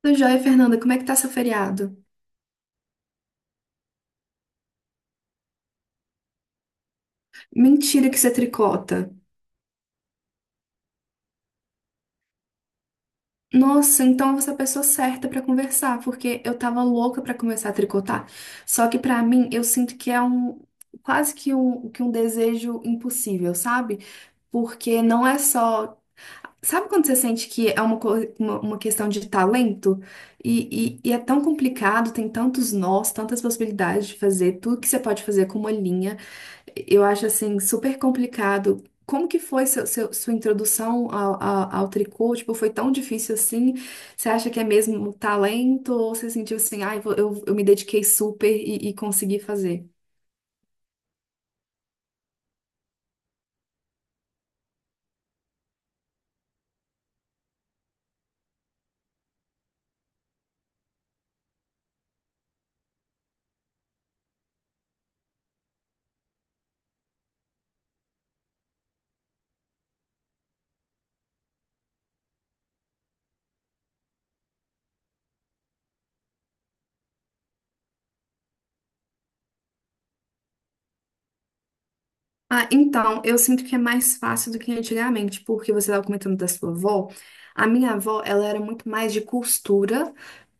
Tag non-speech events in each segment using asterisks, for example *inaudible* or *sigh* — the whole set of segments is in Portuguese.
Tudo jóia, Fernanda? Como é que tá seu feriado? Mentira que você tricota. Nossa, então você é a pessoa certa pra conversar, porque eu tava louca pra começar a tricotar. Só que pra mim, eu sinto que é um quase que um desejo impossível, sabe? Porque não é só. Sabe quando você sente que é uma, uma questão de talento? E é tão complicado, tem tantos nós, tantas possibilidades de fazer, tudo que você pode fazer com uma linha. Eu acho assim super complicado. Como que foi seu, sua introdução ao tricô? Tipo, foi tão difícil assim? Você acha que é mesmo um talento? Ou você sentiu assim, ah, eu me dediquei super e consegui fazer? Ah, então, eu sinto que é mais fácil do que antigamente, porque você estava comentando da sua avó. A minha avó, ela era muito mais de costura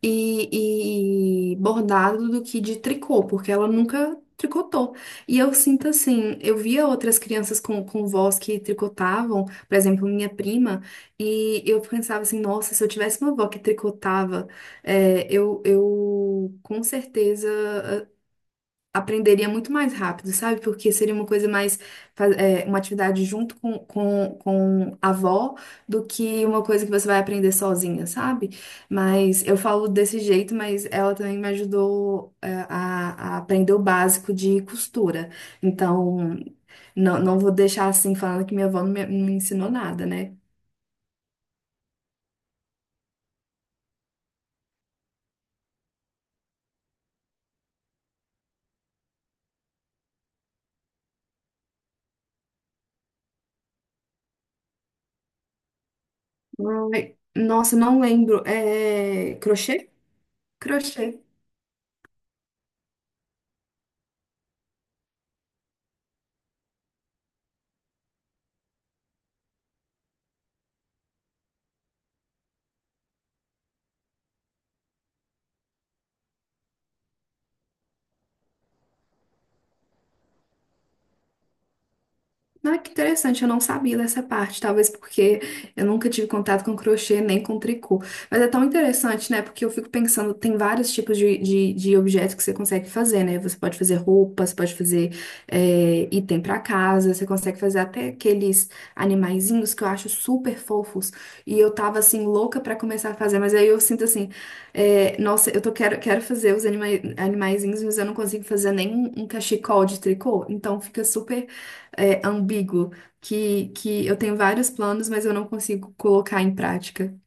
e bordado do que de tricô, porque ela nunca tricotou. E eu sinto assim, eu via outras crianças com vós que tricotavam, por exemplo, minha prima, e eu pensava assim, nossa, se eu tivesse uma avó que tricotava, eu com certeza aprenderia muito mais rápido, sabe? Porque seria uma coisa mais, uma atividade junto com a avó do que uma coisa que você vai aprender sozinha, sabe? Mas eu falo desse jeito, mas ela também me ajudou, é, a aprender o básico de costura. Então, não vou deixar assim falando que minha avó não me, não me ensinou nada, né? Ai, nossa, não lembro. É crochê? Crochê. Ah, que interessante, eu não sabia dessa parte, talvez porque eu nunca tive contato com crochê nem com tricô. Mas é tão interessante, né? Porque eu fico pensando, tem vários tipos de objetos que você consegue fazer, né? Você pode fazer roupa, você pode fazer item pra casa, você consegue fazer até aqueles animaizinhos que eu acho super fofos. E eu tava assim, louca pra começar a fazer, mas aí eu sinto assim, é, nossa, eu tô, quero, quero fazer animaizinhos, mas eu não consigo fazer nem um cachecol de tricô, então fica super ambíguo, que eu tenho vários planos, mas eu não consigo colocar em prática.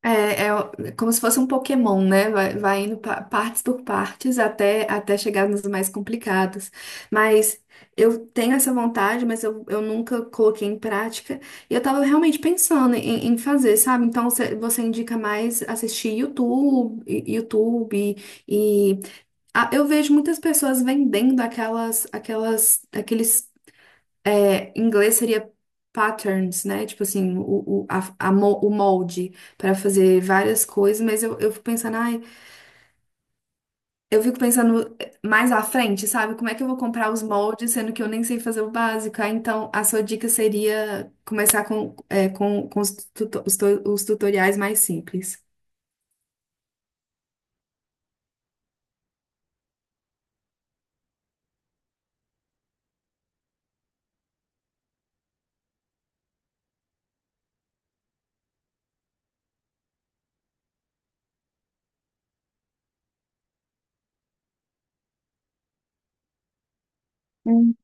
É, é como se fosse um Pokémon, né? Vai, vai indo partes por partes até chegar nos mais complicados. Mas eu tenho essa vontade, mas eu nunca coloquei em prática. E eu tava realmente pensando em, em fazer, sabe? Então você, você indica mais assistir YouTube e- ah, eu vejo muitas pessoas vendendo aquelas, aquelas, aqueles é, em inglês seria patterns, né? Tipo assim, o, a mo- o molde para fazer várias coisas, mas eu fico pensando, ai, eu fico pensando mais à frente, sabe? Como é que eu vou comprar os moldes, sendo que eu nem sei fazer o básico? Ah, então, a sua dica seria começar com, é, com os, os tutoriais mais simples. Hum.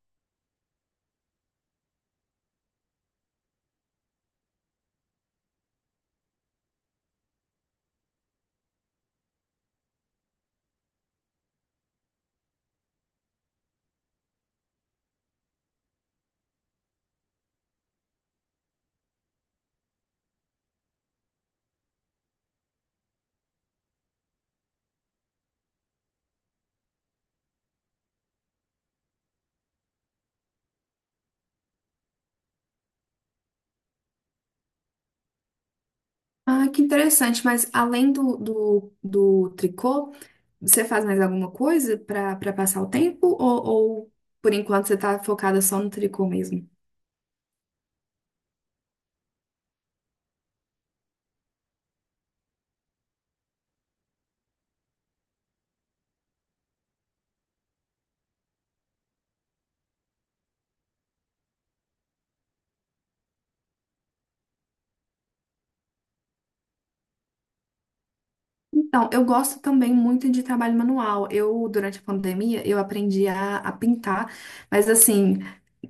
Ah, que interessante, mas além do tricô, você faz mais alguma coisa para para passar o tempo ou por enquanto você está focada só no tricô mesmo? Então, eu gosto também muito de trabalho manual. Eu, durante a pandemia, eu aprendi a pintar, mas assim,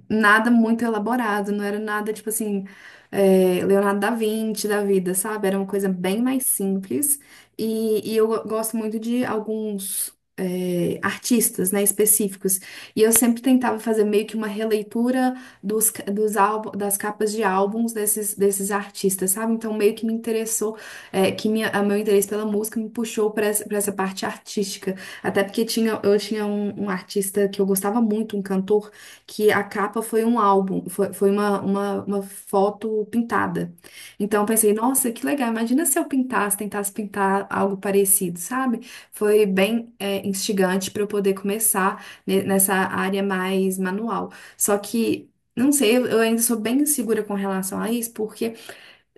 nada muito elaborado, não era nada tipo assim, é, Leonardo da Vinci da vida, sabe? Era uma coisa bem mais simples. E, gosto muito de alguns. É, artistas, né, específicos. E eu sempre tentava fazer meio que uma releitura dos álbum, das capas de álbuns desses artistas, sabe? Então meio que me interessou, é, que minha, a meu interesse pela música me puxou para essa parte artística. Até porque tinha, eu tinha um artista que eu gostava muito, um cantor que a capa foi um álbum, foi, foi uma foto pintada. Então eu pensei, nossa, que legal, imagina se eu pintasse, tentasse pintar algo parecido, sabe? Foi bem, é, instigante para eu poder começar nessa área mais manual. Só que. Não sei, eu ainda sou bem insegura com relação a isso, porque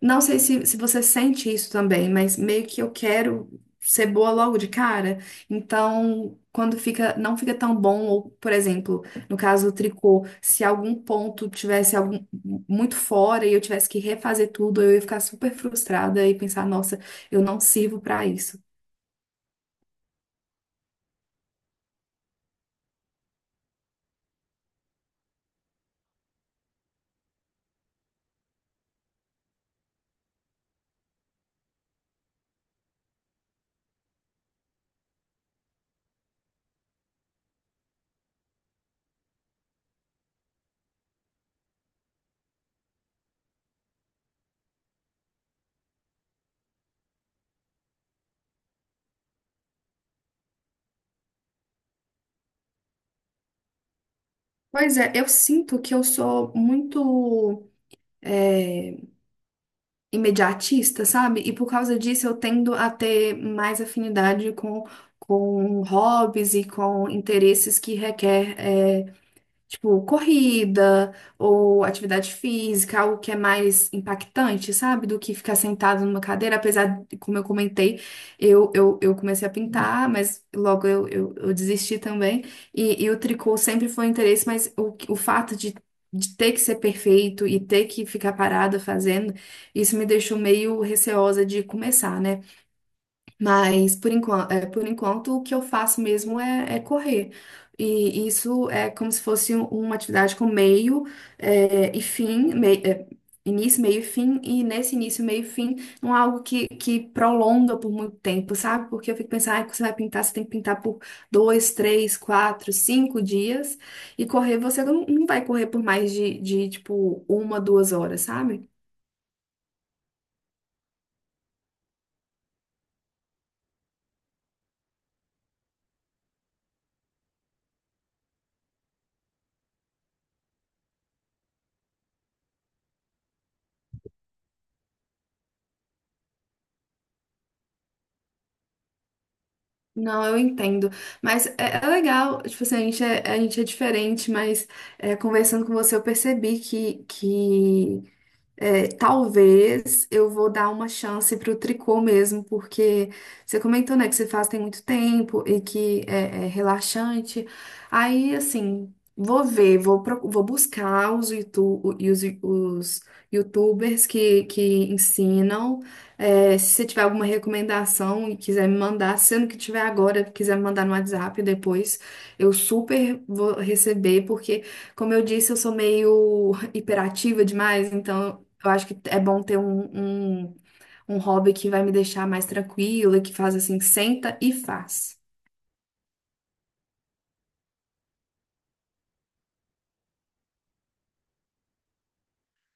não sei se você sente isso também, mas meio que eu quero ser boa logo de cara. Então, quando fica, não fica tão bom, ou, por exemplo, no caso do tricô, se algum ponto tivesse algum muito fora e eu tivesse que refazer tudo, eu ia ficar super frustrada e pensar, nossa, eu não sirvo pra isso. Pois é, eu sinto que eu sou muito eh, imediatista, sabe? E por causa disso eu tendo a ter mais afinidade com hobbies e com interesses que requer eh, tipo, corrida ou atividade física, algo que é mais impactante, sabe? Do que ficar sentado numa cadeira. Apesar, de, como eu comentei, eu comecei a pintar, mas logo eu desisti também. E o tricô sempre foi um interesse, mas o fato de ter que ser perfeito e ter que ficar parada fazendo, isso me deixou meio receosa de começar, né? Mas por enquanto o que eu faço mesmo é, é correr. E isso é como se fosse uma atividade com meio e fim, início, meio e fim, e nesse início, meio e fim, não é algo que prolonga por muito tempo, sabe? Porque eu fico pensando, ah, você vai pintar, você tem que pintar por dois, três, quatro, cinco dias, e correr você não, não vai correr por mais de tipo uma, duas horas, sabe? Não, eu entendo. Mas é, é legal, tipo assim, a gente é diferente, mas é, conversando com você eu percebi que é, talvez eu vou dar uma chance pro tricô mesmo, porque você comentou, né, que você faz tem muito tempo e que é, é relaxante. Aí, assim, vou ver, vou, vou buscar os, os YouTubers que ensinam. É, se você tiver alguma recomendação e quiser me mandar, sendo que tiver agora, quiser me mandar no WhatsApp depois, eu super vou receber, porque, como eu disse, eu sou meio *laughs* hiperativa demais, então eu acho que é bom ter um hobby que vai me deixar mais tranquila, que faz assim, senta e faz.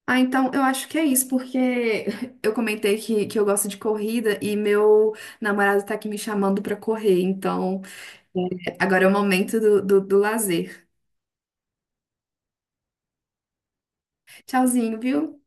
Ah, então eu acho que é isso, porque *laughs* eu comentei que eu gosto de corrida e meu namorado tá aqui me chamando pra correr, então agora é o momento do lazer. Tchauzinho, viu?